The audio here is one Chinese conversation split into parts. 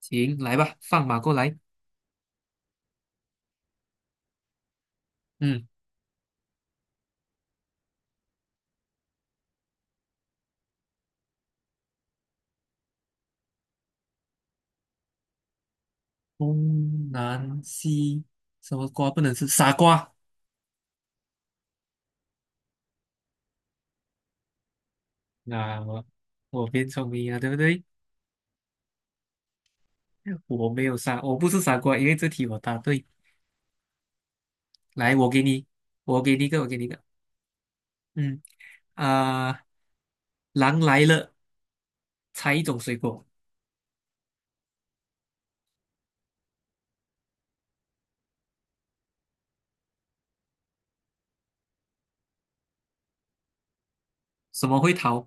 行，来吧，放马过来。嗯，东南西什么瓜不能吃？傻瓜。那、我我变聪明了，对不对？我没有傻，我不是傻瓜，因为这题我答对。来，我给你一个，我给你一个。嗯啊、狼来了，猜一种水果，什么会逃？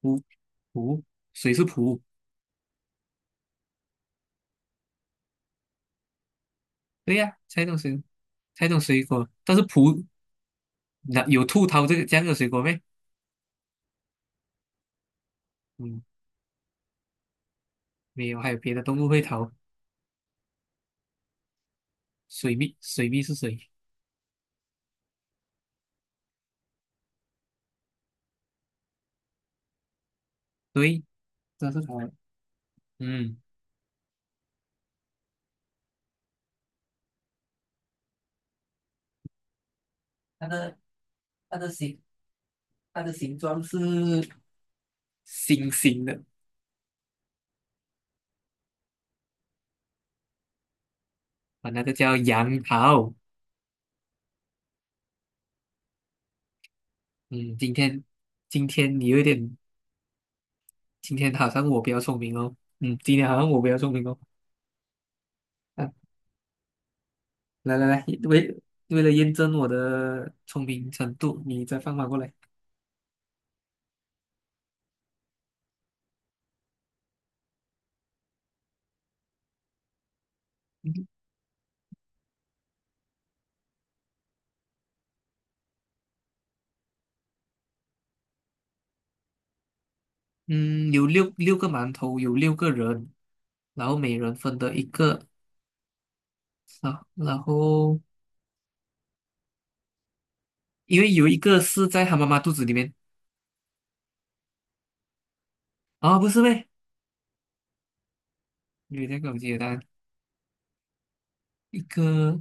葡葡，水是葡。对呀、猜一种水，猜一种水果，但是葡，那有兔逃这个这样的水果没？嗯，没有，还有别的动物会逃。水蜜，水蜜是谁？对，这是它，嗯，它的它的形它的形状是星星的。啊，那个叫杨桃。嗯，今天今天你有点，今天好像我比较聪明哦。嗯，今天好像我比较聪明哦。啊，来来来,为了验证我的聪明程度，你再放马过来。嗯，有六个馒头，有六个人，然后每人分得一个。啊，然后因为有一个是在他妈妈肚子里面。啊，不是呗？有点搞简单，一个。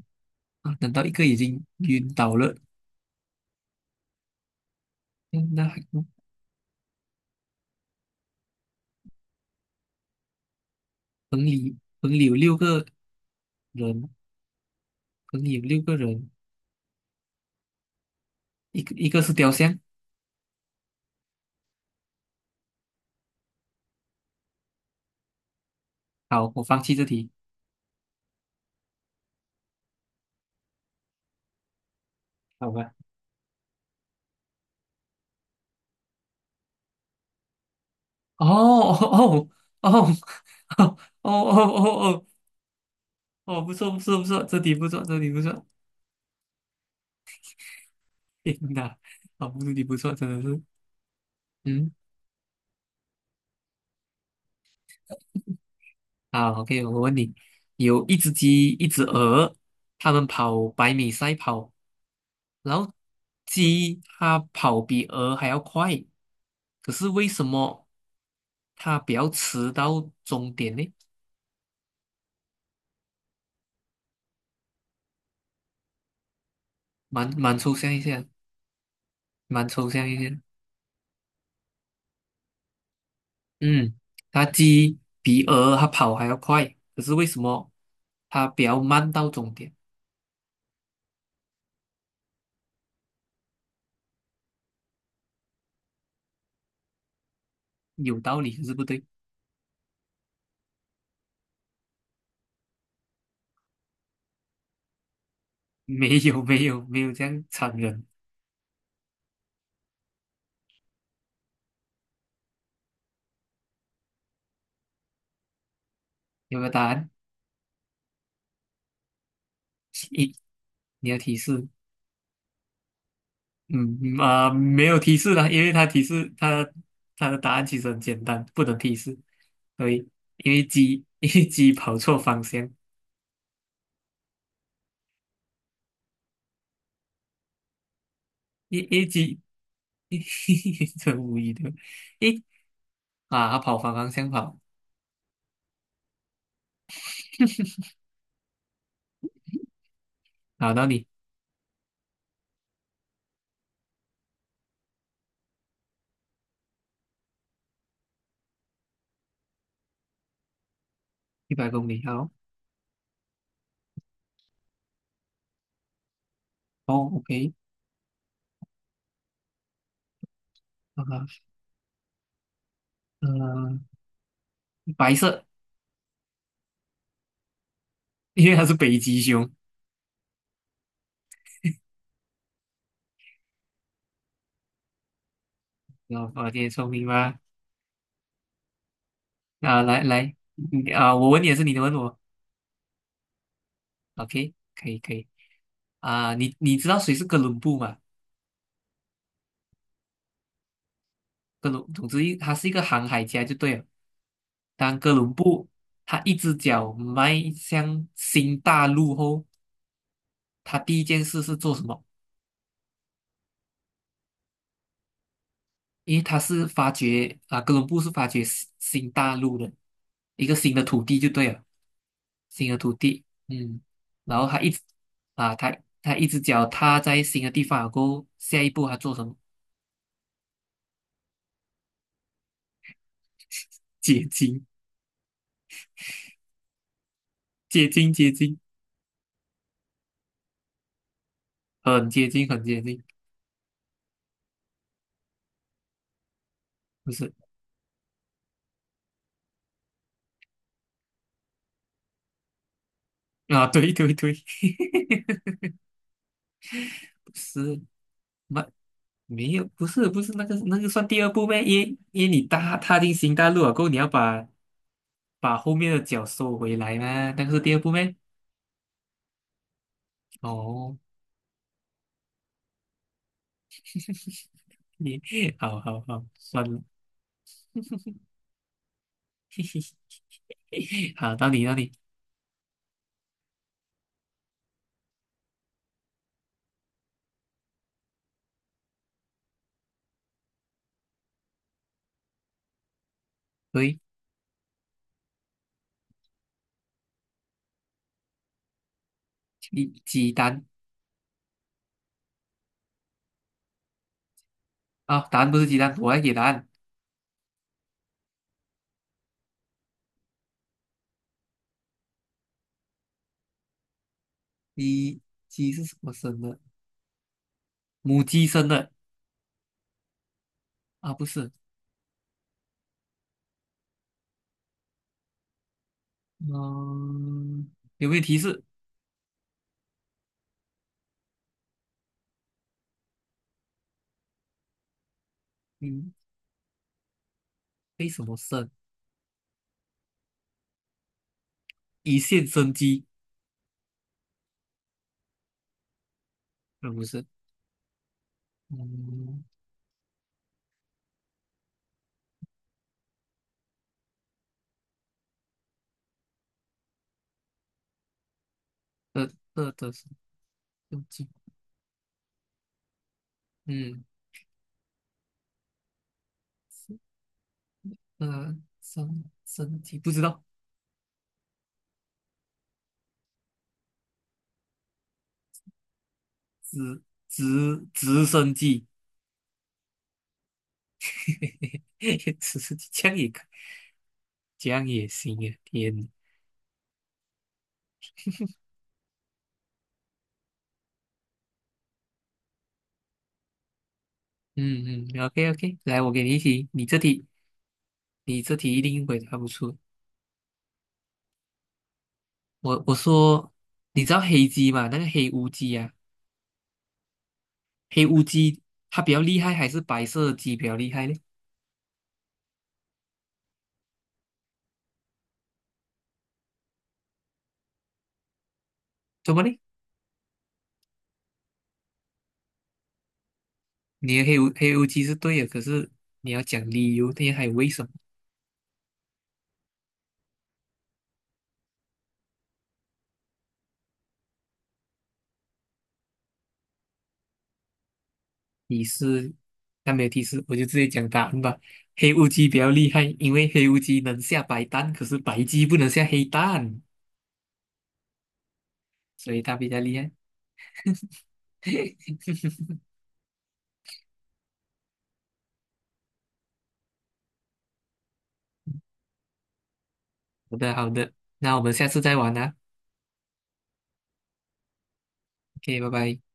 啊，等到一个已经晕倒了，那那还棚里有六个人，棚里有六个人，一个一个是雕像。好，我放弃这题，好吧？哦哦哦哦哦哦哦哦哦，不错不错不错，这题不错，这题不错，天哪，哦，这题不错，真的是，嗯，好，OK,我问你，有一只鸡，一只鹅，它们跑百米赛跑。然后鸡它跑比鹅还要快，可是为什么它比较迟到终点呢？蛮抽象一些，蛮抽象一些。嗯，它鸡比鹅它跑还要快，可是为什么它比较慢到终点？有道理，可是不对。没有没有没有这样残忍，有没有答案？一，你要提示。嗯嗯，没有提示了，因为它提示它它的答案其实很简单，不能提示。对，因为鸡 因为鸡跑错方向，因一为鸡 真无语的，一啊，它跑反方向跑，跑到你100公里，好。哦，OK。 啊呃，白色，因为它是北极熊。哦，我今天聪明吗？啊，来来，你啊，我问你也是，你问我，OK,可以。啊，你知道谁是哥伦布吗？哥伦，总之一，他是一个航海家就对了。当哥伦布他一只脚迈向新大陆后，他第一件事是做什么？因为他是发掘。啊，哥伦布是发掘新大陆的一个新的土地就对了，新的土地，嗯，然后他一直啊，他一只脚踏在新的地方过后，下一步他做什么？结晶，结晶，结晶，很接近，很接近，不是啊，对对对，不是。没有，不是，不是那个那个算第二步呗，因为因为你踏进新大陆了过后，你要把，把后面的脚收回来嘛，那个是第二步呗。哦，你 好好好，算了，好到你到你，喂，鸡蛋。啊，答案不是鸡蛋，我来给答案，鸡，鸡是什么生的？母鸡生的。啊，不是，嗯，有没有提示？嗯，为什么生？一线生机？呃，不是，嗯，这这是。嗯，呃，升生机不知道，直直升机，直升机这样也可，这样也行啊！天呐，嗯嗯，OK OK,来，我给你一题，你这题一定回答不出。我说，你知道黑鸡吗？那个黑乌鸡。啊，黑乌鸡它比较厉害，还是白色的鸡比较厉害呢？怎么呢？你的黑乌鸡是对的，可是你要讲理由，那还有为什么？提示，但没有提示，我就直接讲答案吧。黑乌鸡比较厉害，因为黑乌鸡能下白蛋，可是白鸡不能下黑蛋，所以它比较厉害。好的，好的，那我们下次再玩啦。OK,拜拜。